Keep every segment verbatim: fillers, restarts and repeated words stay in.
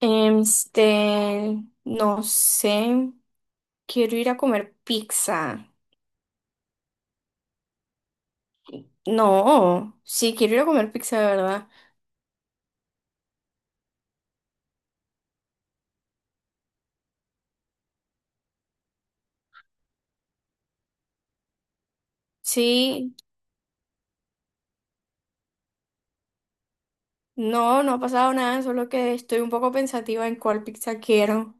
Este, no sé, quiero ir a comer pizza. No, sí, quiero ir a comer pizza, de verdad. Sí, no, no ha pasado nada, solo que estoy un poco pensativa en cuál pizza quiero.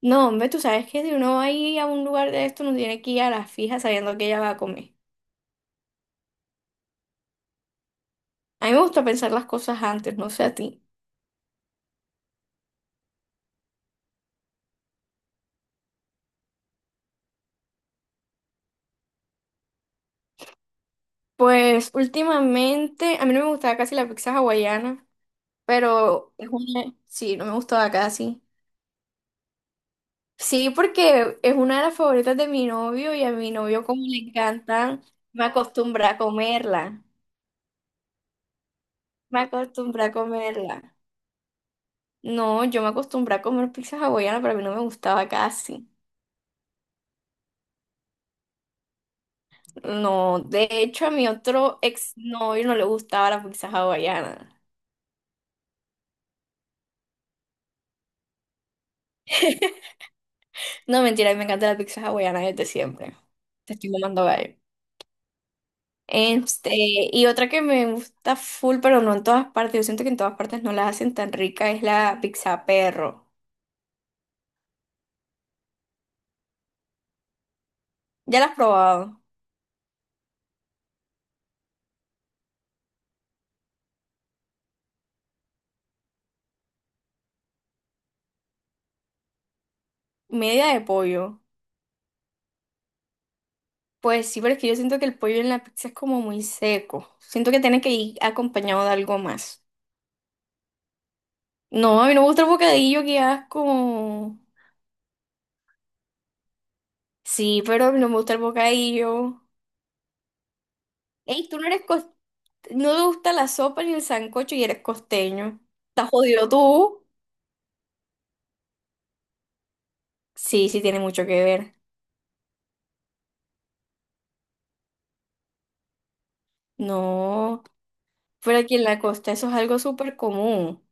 No, hombre, tú sabes que si uno va a ir a un lugar de esto, no tiene que ir a la fija sabiendo que ella va a comer. A mí me gusta pensar las cosas antes, no sé a ti. Pues últimamente, a mí no me gustaba casi la pizza hawaiana, pero es una- sí, no me gustaba casi. Sí, porque es una de las favoritas de mi novio y a mi novio como le encantan, me acostumbra a comerla. Me acostumbra a comerla. No, yo me acostumbré a comer pizza hawaiana, pero a mí no me gustaba casi. No, de hecho a mi otro ex novio no le gustaba la pizza hawaiana. No, mentira, a mí me encanta la pizza hawaiana desde siempre. Te estoy mamando gallo. Este, y otra que me gusta full, pero no en todas partes, yo siento que en todas partes no la hacen tan rica, es la pizza perro. Ya la has probado. Media de pollo. Pues sí, pero es que yo siento que el pollo en la pizza es como muy seco. Siento que tiene que ir acompañado de algo más. No, a mí no me gusta el bocadillo, que asco. Sí, pero a mí no me gusta el bocadillo. Ey, tú no eres cos- no te gusta la sopa ni el sancocho y eres costeño. ¿Estás jodido tú? Sí, sí tiene mucho que ver. No, pero aquí en la costa eso es algo súper común.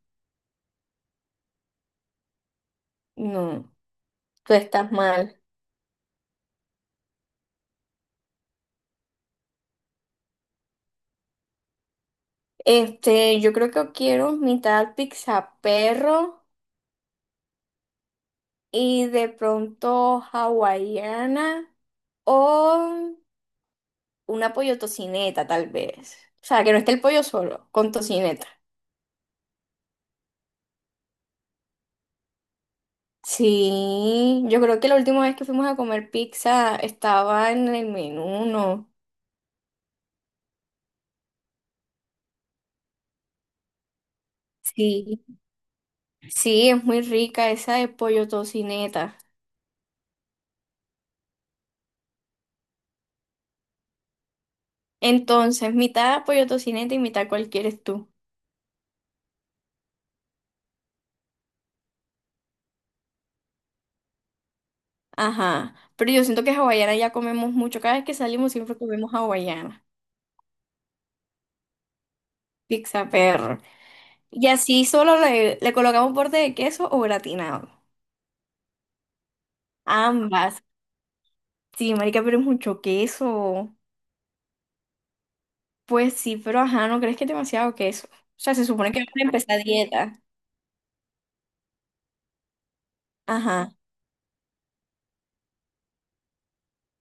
No, tú estás mal. Este, yo creo que quiero mitad pizza perro y de pronto hawaiana o una pollo tocineta, tal vez. O sea, que no esté el pollo solo, con tocineta. Sí, yo creo que la última vez que fuimos a comer pizza estaba en el menú, ¿no? Sí, sí, es muy rica esa de pollo tocineta. Entonces, mitad pollo tocineta y mitad cualquier eres tú. Ajá, pero yo siento que hawaiana ya comemos mucho. Cada vez que salimos siempre comemos hawaiana, pizza perro. Y así solo le, le colocamos borde de queso o gratinado. Ambas. Sí, marica, pero es mucho queso. Pues sí, pero ajá, ¿no crees que es demasiado queso? O sea, se supone que vamos a empezar dieta. Ajá.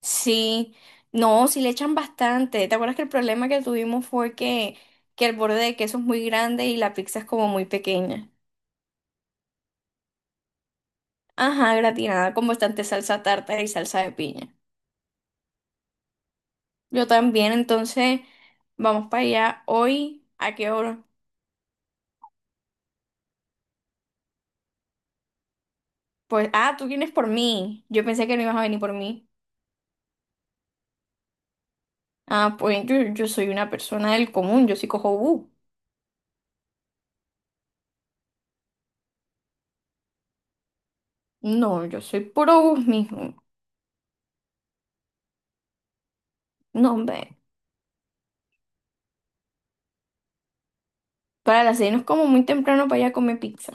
Sí. No, sí le echan bastante. ¿Te acuerdas que el problema que tuvimos fue que, que el borde de queso es muy grande y la pizza es como muy pequeña? Ajá, gratinada con bastante salsa tártara y salsa de piña. Yo también, entonces vamos para allá hoy. ¿A qué hora? Pues, ah, tú vienes por mí. Yo pensé que no ibas a venir por mí. Ah, pues yo, yo soy una persona del común, yo sí cojo bus. No, yo soy puro bus mismo. No, hombre. Para las seis no es como muy temprano para allá a comer pizza.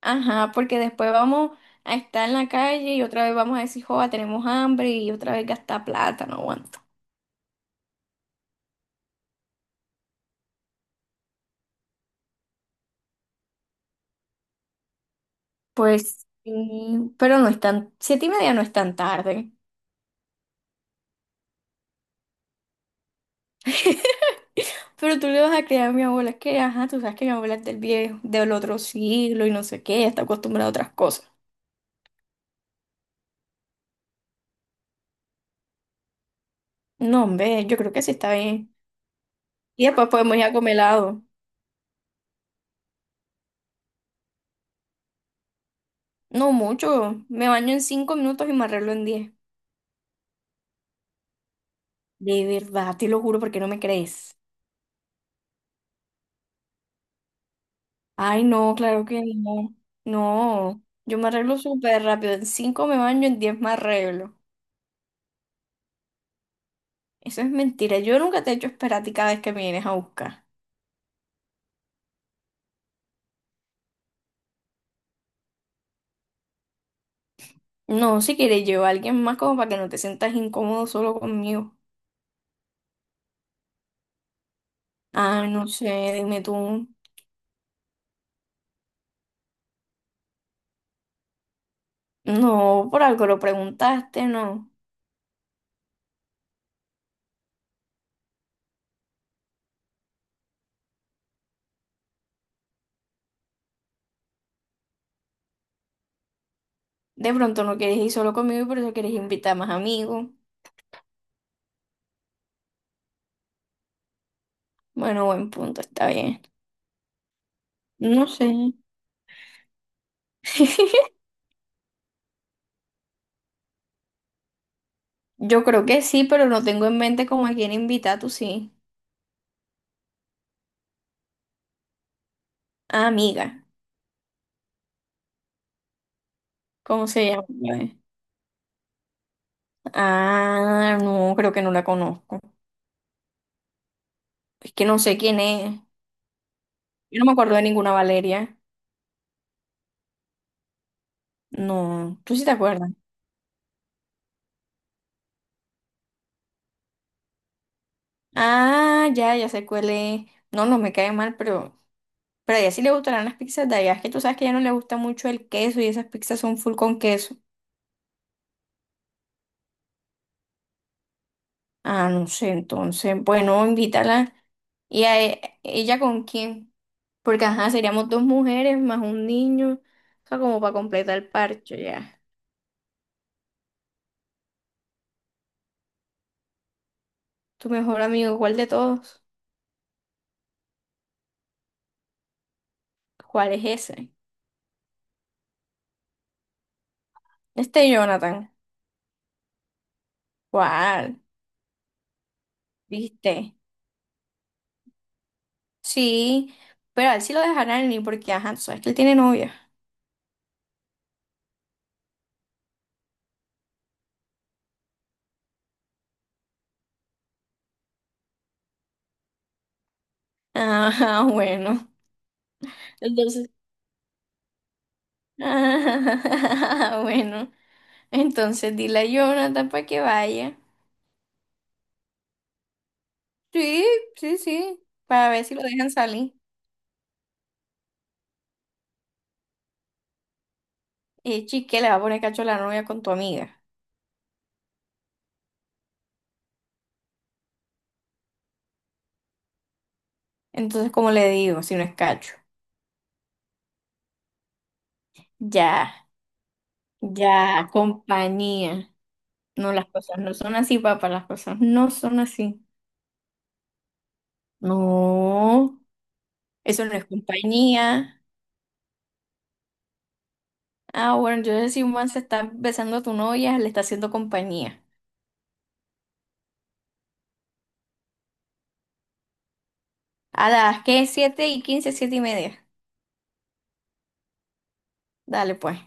Ajá, porque después vamos a estar en la calle y otra vez vamos a decir, joda, tenemos hambre y otra vez gastar plata, no aguanto. Pues sí, pero no es tan, siete y media no es tan tarde. Pero tú le vas a creer a mi abuela, es que, ajá, tú sabes que mi abuela es del viejo, del otro siglo y no sé qué, está acostumbrada a otras cosas. No, hombre, yo creo que sí está bien. Y después podemos ir a comer helado. No mucho, me baño en cinco minutos y me arreglo en diez. De verdad, te lo juro porque no me crees. Ay, no, claro que no. No, yo me arreglo súper rápido. En cinco me baño, en diez me arreglo. Eso es mentira. Yo nunca te he hecho esperar a ti cada vez que me vienes a buscar. No, si quieres llevar a alguien más como para que no te sientas incómodo solo conmigo. Ah, no sé, dime tú. No, por algo lo preguntaste, no. De pronto no quieres ir solo conmigo y por eso quieres invitar más amigos. Bueno, buen punto, está bien. No sé. Yo creo que sí, pero no tengo en mente como a quién invitar, tú sí. Ah, amiga, ¿cómo se llama? Eh, Ah, no, creo que no la conozco. Es que no sé quién es. Yo no me acuerdo de ninguna Valeria. No, tú sí te acuerdas. Ah, ya, ya sé cuál es. No, no me cae mal, pero, pero a ella sí le gustarán las pizzas de allá. Es que tú sabes que a ella no le gusta mucho el queso y esas pizzas son full con queso. Ah, no sé, entonces, bueno, invítala. ¿Y a e- ella con quién? Porque, ajá, seríamos dos mujeres más un niño. O sea, como para completar el parche, ya. Tu mejor amigo, ¿cuál de todos? ¿Cuál es ese? Este Jonathan. ¿Cuál? ¿Viste? Sí, pero a él sí lo dejarán ir porque, ajá, tú sabes que él tiene novia. Ah, bueno. Entonces, ah, bueno. Entonces dile a Jonathan para que vaya. Sí, sí, sí. Para ver si lo dejan salir. Y chique, le va a poner cacho a la novia con tu amiga. Entonces, ¿cómo le digo, si no es cacho? Ya, ya, compañía. No, las cosas no son así, papá. Las cosas no son así. No, eso no es compañía. Ah, bueno, entonces si un man se está besando a tu novia, le está haciendo compañía. A las que siete y quince, siete y media. Dale, pues.